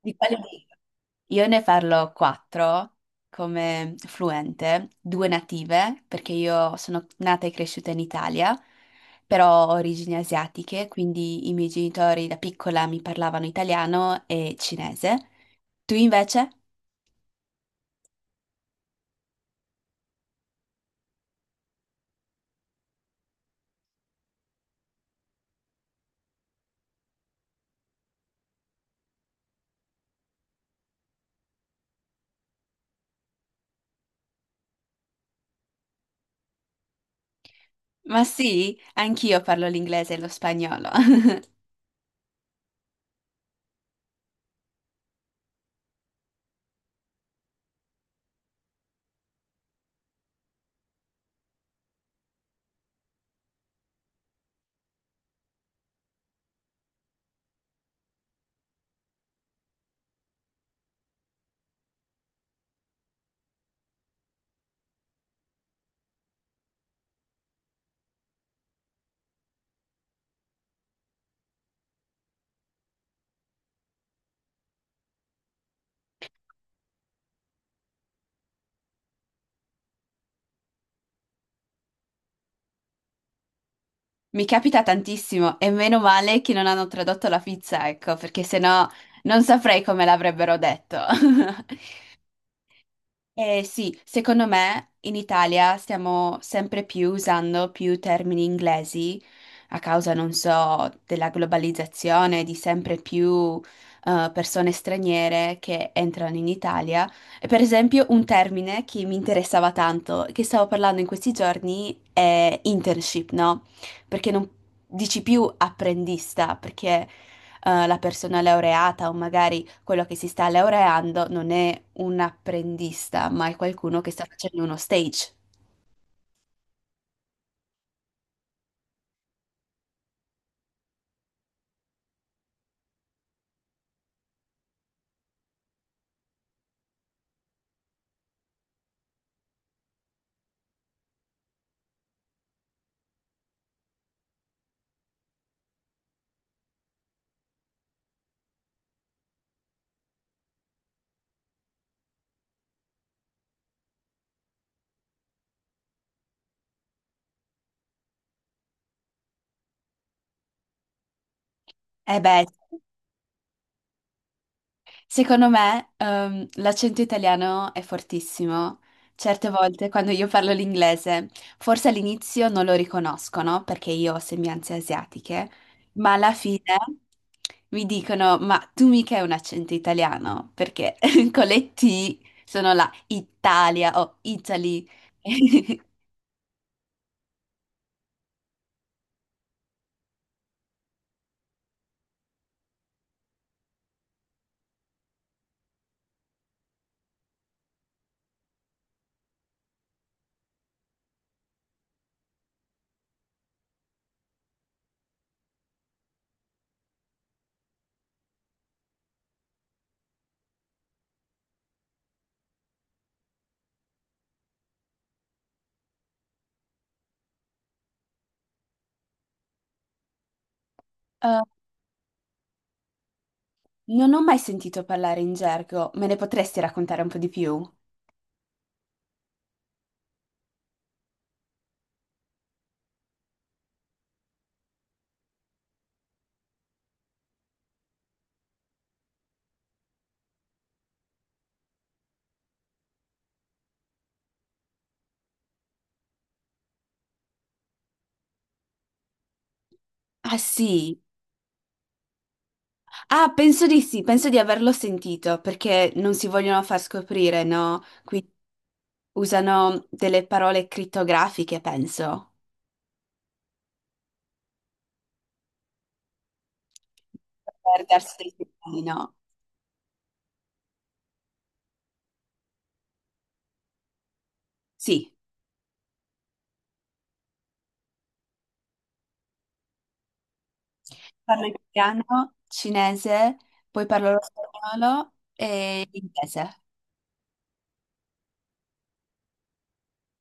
Di quelle lì. Io ne parlo quattro come fluente, due native, perché io sono nata e cresciuta in Italia, però ho origini asiatiche, quindi i miei genitori da piccola mi parlavano italiano e cinese. Tu invece? Ma sì, anch'io parlo l'inglese e lo spagnolo. Mi capita tantissimo e meno male che non hanno tradotto la pizza, ecco, perché sennò non saprei come l'avrebbero detto. Eh sì, secondo me in Italia stiamo sempre più usando più termini inglesi a causa, non so, della globalizzazione, di sempre più persone straniere che entrano in Italia. E per esempio un termine che mi interessava tanto, che stavo parlando in questi giorni, è internship, no? Perché non dici più apprendista, perché la persona laureata o magari quello che si sta laureando non è un apprendista, ma è qualcuno che sta facendo uno stage. Eh beh, secondo me, l'accento italiano è fortissimo. Certe volte quando io parlo l'inglese, forse all'inizio non lo riconoscono perché io ho sembianze asiatiche, ma alla fine mi dicono: Ma tu mica hai un accento italiano? Perché con le T sono la Italia o Italy. Eh, non ho mai sentito parlare in gergo, me ne potresti raccontare un po' di più? Ah sì, ah penso di sì, penso di averlo sentito perché non si vogliono far scoprire, no? Qui usano delle parole crittografiche, penso, per darsi dei segnali, no? Sì, parlo italiano, cinese, poi parlo lo spagnolo e inglese,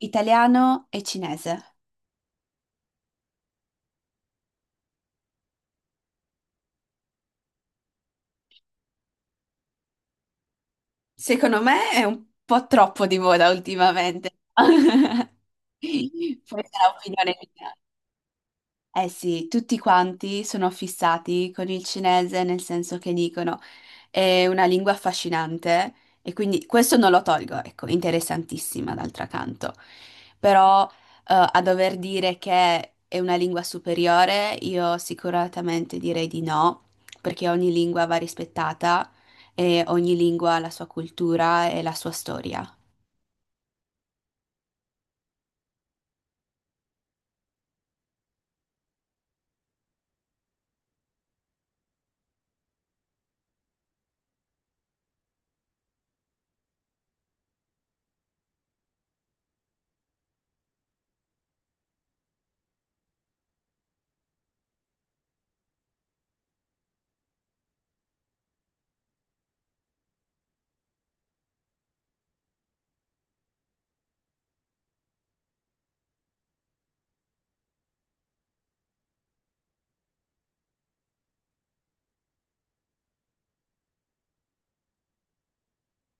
italiano e cinese. Secondo me è un po' troppo di moda ultimamente. Questa è l'opinione mia. Eh sì, tutti quanti sono fissati con il cinese nel senso che dicono è una lingua affascinante e quindi questo non lo tolgo, ecco, interessantissima d'altro canto. Però a dover dire che è una lingua superiore, io sicuramente direi di no, perché ogni lingua va rispettata e ogni lingua ha la sua cultura e la sua storia.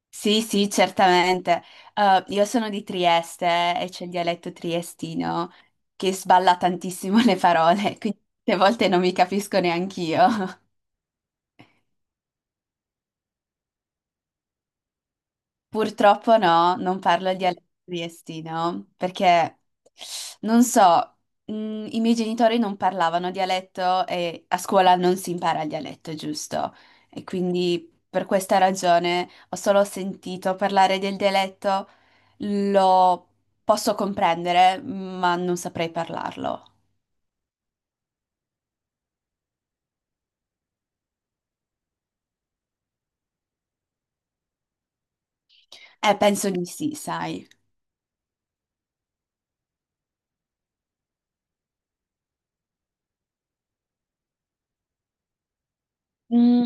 Sì, sì, certamente. Io sono di Trieste e c'è il dialetto triestino che sballa tantissimo le parole, quindi a volte non mi capisco neanch'io. Purtroppo no, non parlo il dialetto triestino perché non so, mh, i miei genitori non parlavano dialetto e a scuola non si impara il dialetto, giusto? E quindi per questa ragione ho solo sentito parlare del dialetto, lo posso comprendere, ma non saprei parlarlo. Penso di sì, sai. Mm,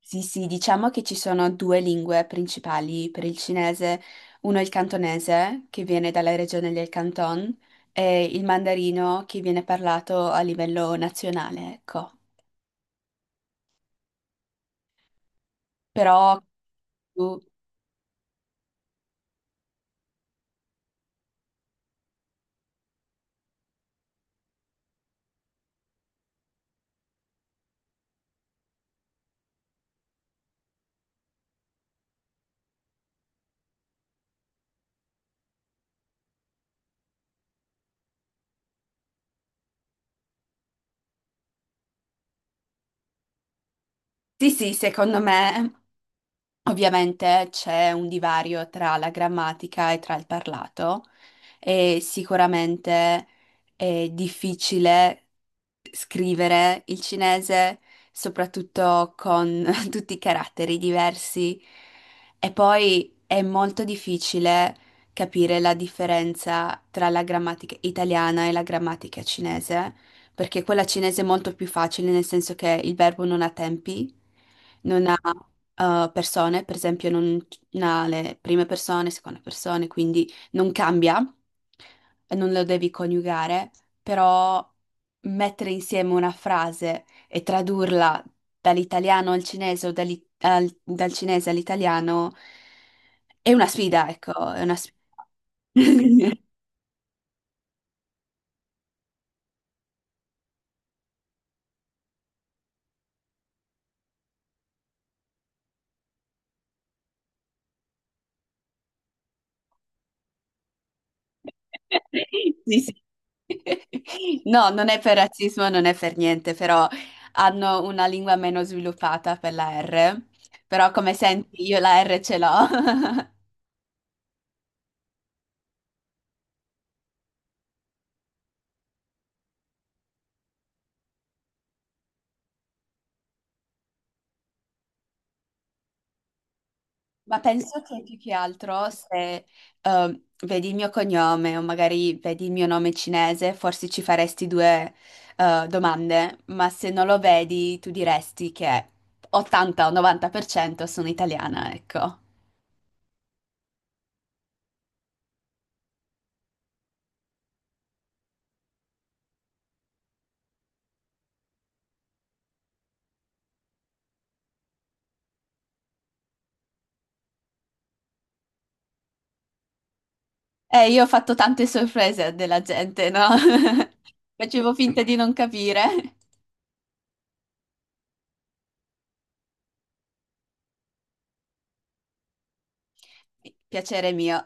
sì, sì, diciamo che ci sono due lingue principali per il cinese. Uno è il cantonese, che viene dalla regione del Canton, e il mandarino, che viene parlato a livello nazionale, ecco. Però, tu- sì, sì, secondo me ovviamente c'è un divario tra la grammatica e tra il parlato e sicuramente è difficile scrivere il cinese, soprattutto con tutti i caratteri diversi e poi è molto difficile capire la differenza tra la grammatica italiana e la grammatica cinese, perché quella cinese è molto più facile nel senso che il verbo non ha tempi, non ha persone, per esempio, non ha le prime persone, seconde persone, quindi non cambia, e non lo devi coniugare, però mettere insieme una frase e tradurla dall'italiano al cinese o dal cinese all'italiano è una sfida, ecco, è una sfida. Sì, sì. No, non è per razzismo, non è per niente, però hanno una lingua meno sviluppata per la R. Però come senti, io la R ce l'ho. Ma penso che più che altro se vedi il mio cognome o magari vedi il mio nome cinese, forse ci faresti due domande, ma se non lo vedi, tu diresti che 80 o 90% sono italiana, ecco. Io ho fatto tante sorprese della gente, no? Facevo finta di non capire. Piacere mio.